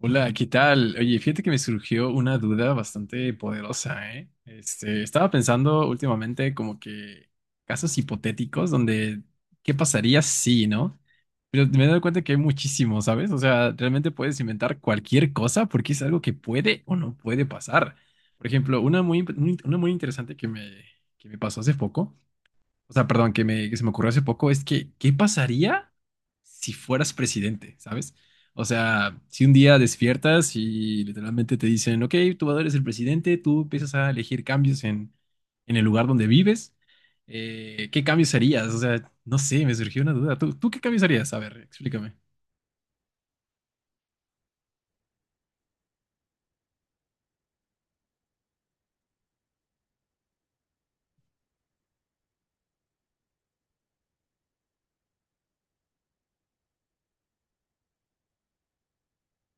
Hola, ¿qué tal? Oye, fíjate que me surgió una duda bastante poderosa, ¿eh? Estaba pensando últimamente como que casos hipotéticos donde, ¿qué pasaría si, no? Pero me he dado cuenta que hay muchísimos, ¿sabes? O sea, realmente puedes inventar cualquier cosa porque es algo que puede o no puede pasar. Por ejemplo, una muy interesante que me pasó hace poco o sea, perdón, que se me ocurrió hace poco, es que, ¿qué pasaría si fueras presidente, ¿sabes? O sea, si un día despiertas y literalmente te dicen, ok, tú ahora eres el presidente, tú empiezas a elegir cambios en el lugar donde vives, ¿qué cambios harías? O sea, no sé, me surgió una duda. ¿Tú qué cambios harías? A ver, explícame.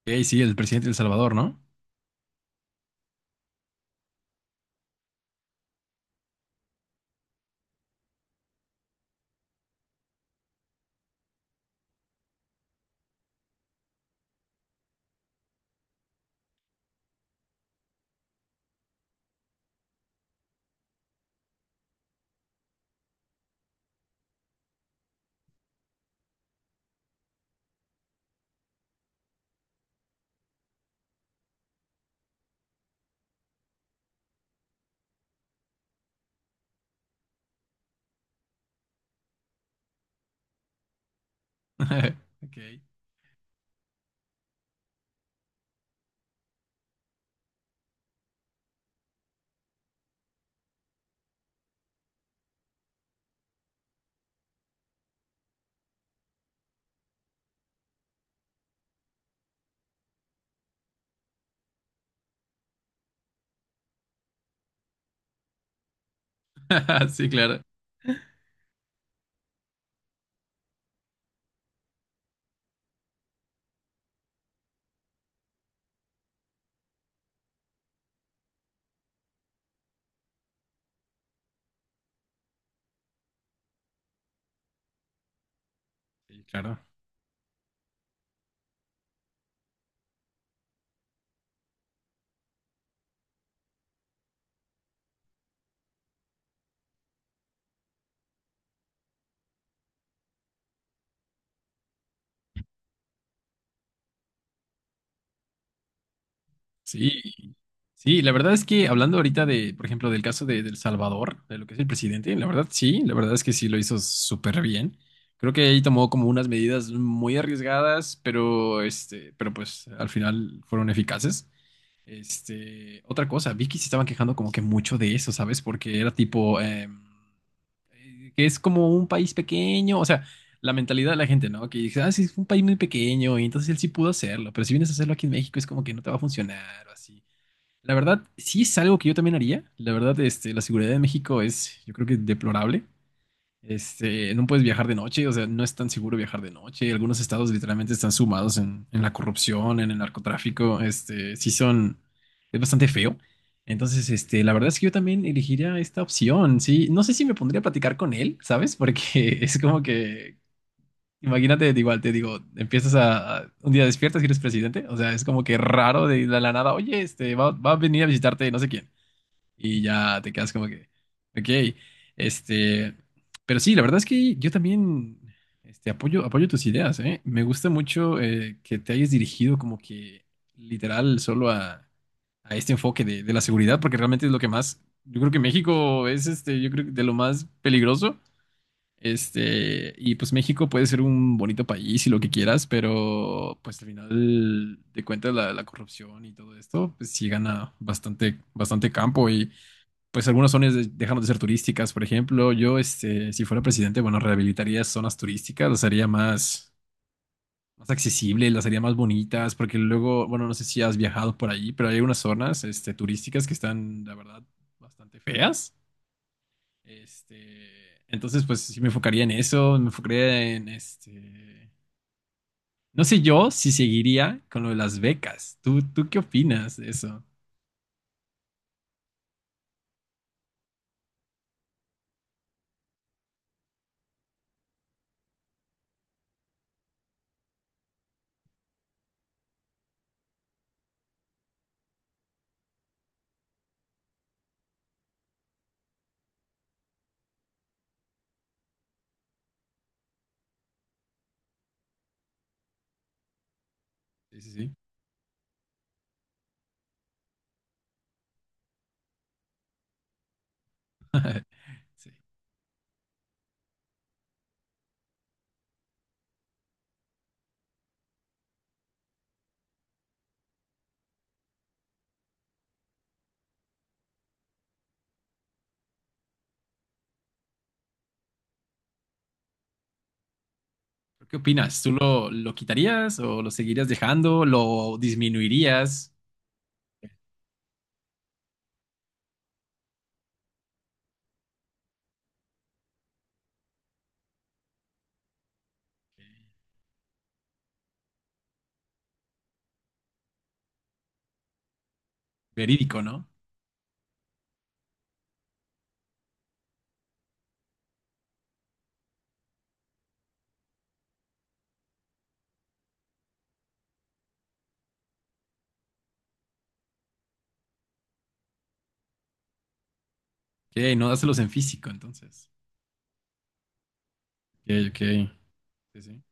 Ok, sí, el presidente de El Salvador, ¿no? Ok. Sí, claro. Sí, claro. Sí, sí, la verdad es que hablando ahorita de, por ejemplo, del caso de El Salvador, de lo que es el presidente, la verdad sí, la verdad es que sí lo hizo súper bien. Creo que ahí tomó como unas medidas muy arriesgadas, pero pues al final fueron eficaces. Otra cosa, vi que se estaban quejando como que mucho de eso, ¿sabes? Porque era tipo, que es como un país pequeño, o sea, la mentalidad de la gente, ¿no? Que dice, ah, sí, es un país muy pequeño, y entonces él sí pudo hacerlo, pero si vienes a hacerlo aquí en México es como que no te va a funcionar o así. La verdad, sí es algo que yo también haría. La verdad, la seguridad de México es, yo creo que deplorable. No puedes viajar de noche, o sea, no es tan seguro viajar de noche. Algunos estados literalmente están sumados en la corrupción, en el narcotráfico. Sí son, es bastante feo. Entonces, la verdad es que yo también elegiría esta opción. Sí, no sé si me pondría a platicar con él, ¿sabes? Porque es como que Imagínate, igual te digo, un día despiertas y eres presidente, o sea, es como que raro de la nada, oye, va a venir a visitarte no sé quién, y ya te quedas como que, ok, este, pero sí, la verdad es que yo también, apoyo tus ideas, ¿eh? Me gusta mucho que te hayas dirigido como que literal solo a este enfoque de la seguridad, porque realmente es lo que más, yo creo que México es, yo creo que de lo más peligroso. Y pues México puede ser un bonito país y lo que quieras, pero pues al final de cuentas la corrupción y todo esto, pues sí gana bastante, bastante campo y pues algunas dejaron de ser turísticas, por ejemplo, yo si fuera presidente, bueno, rehabilitaría zonas turísticas, las haría más, más accesibles, las haría más bonitas, porque luego, bueno, no sé si has viajado por ahí, pero hay unas zonas turísticas que están, la verdad, bastante feas. Este, entonces, pues sí me enfocaría en eso, me enfocaría en este. No sé yo si seguiría con lo de las becas. ¿Tú qué opinas de eso? Sí, sí, sí. Sí. ¿Pero ¿Qué opinas? ¿Tú lo quitarías o lo seguirías dejando? ¿Lo disminuirías? Verídico, ¿no? Que no dáselos en físico, entonces. Ok, ok. Sí, sí.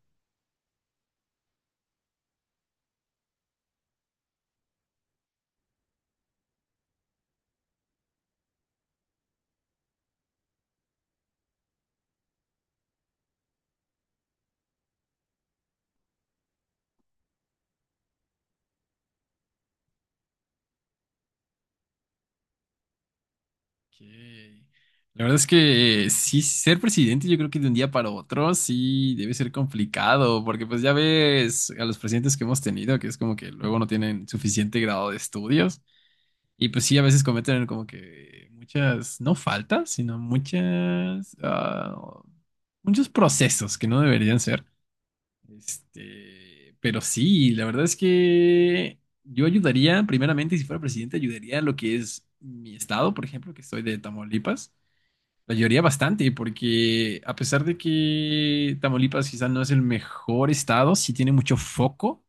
Ok. La verdad es que sí, ser presidente yo creo que de un día para otro sí debe ser complicado, porque pues ya ves a los presidentes que hemos tenido, que es como que luego no tienen suficiente grado de estudios y pues sí, a veces cometen como que muchas, no faltas, sino muchas, muchos procesos que no deberían ser. Pero sí, la verdad es que yo ayudaría, primeramente, si fuera presidente, ayudaría a lo que es mi estado, por ejemplo, que soy de Tamaulipas. La mayoría bastante, porque a pesar de que Tamaulipas quizá no es el mejor estado, sí tiene mucho foco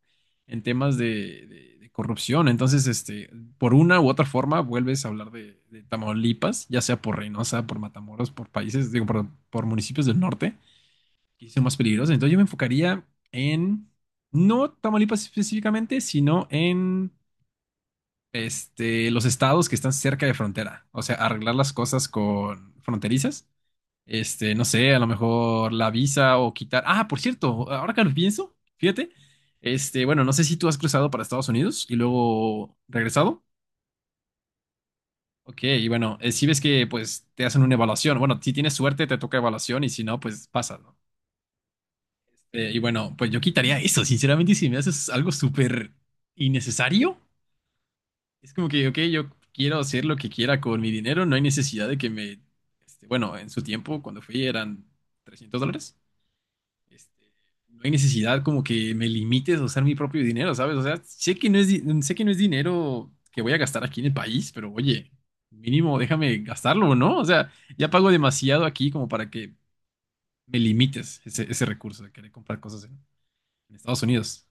en temas de, de corrupción. Entonces, por una u otra forma, vuelves a hablar de Tamaulipas, ya sea por Reynosa, por Matamoros, por países, digo, por municipios del norte, que son más peligrosos. Entonces, yo me enfocaría en, no Tamaulipas específicamente, sino en los estados que están cerca de frontera. O sea, arreglar las cosas con fronterizas no sé, a lo mejor la visa o quitar. Ah, por cierto, ahora que lo pienso, fíjate. Bueno, no sé si tú has cruzado para Estados Unidos y luego regresado. Ok, y bueno, si ves que pues te hacen una evaluación. Bueno, si tienes suerte te toca evaluación y si no, pues pasa, ¿no? Y bueno, pues yo quitaría eso. Sinceramente, si me haces algo súper innecesario, es como que, ok, yo quiero hacer lo que quiera con mi dinero, no hay necesidad de que me... bueno, en su tiempo, cuando fui, eran $300. este, no hay necesidad como que me limites a usar mi propio dinero, ¿sabes? O sea, sé que no es, sé que no es dinero que voy a gastar aquí en el país, pero oye, mínimo déjame gastarlo, ¿no? O sea, ya pago demasiado aquí como para que me limites ese, ese recurso de querer comprar cosas en Estados Unidos.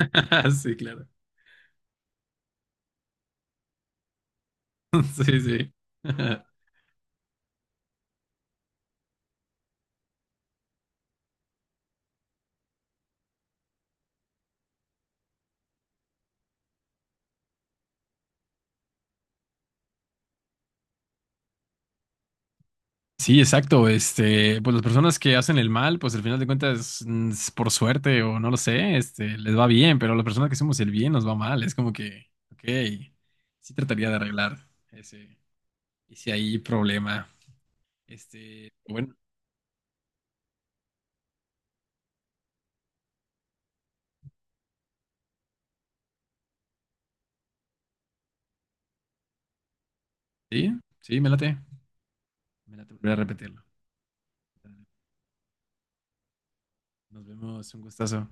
Sí, claro. Sí, sí. Sí, exacto. Pues las personas que hacen el mal, pues al final de cuentas, mm, es por suerte o no lo sé, les va bien, pero a las personas que hacemos el bien nos va mal. Es como que, ok, sí trataría de arreglar ese, ese ahí problema. Este, bueno, sí, sí, me late. Me late volver a repetirlo. Nos vemos, un gustazo.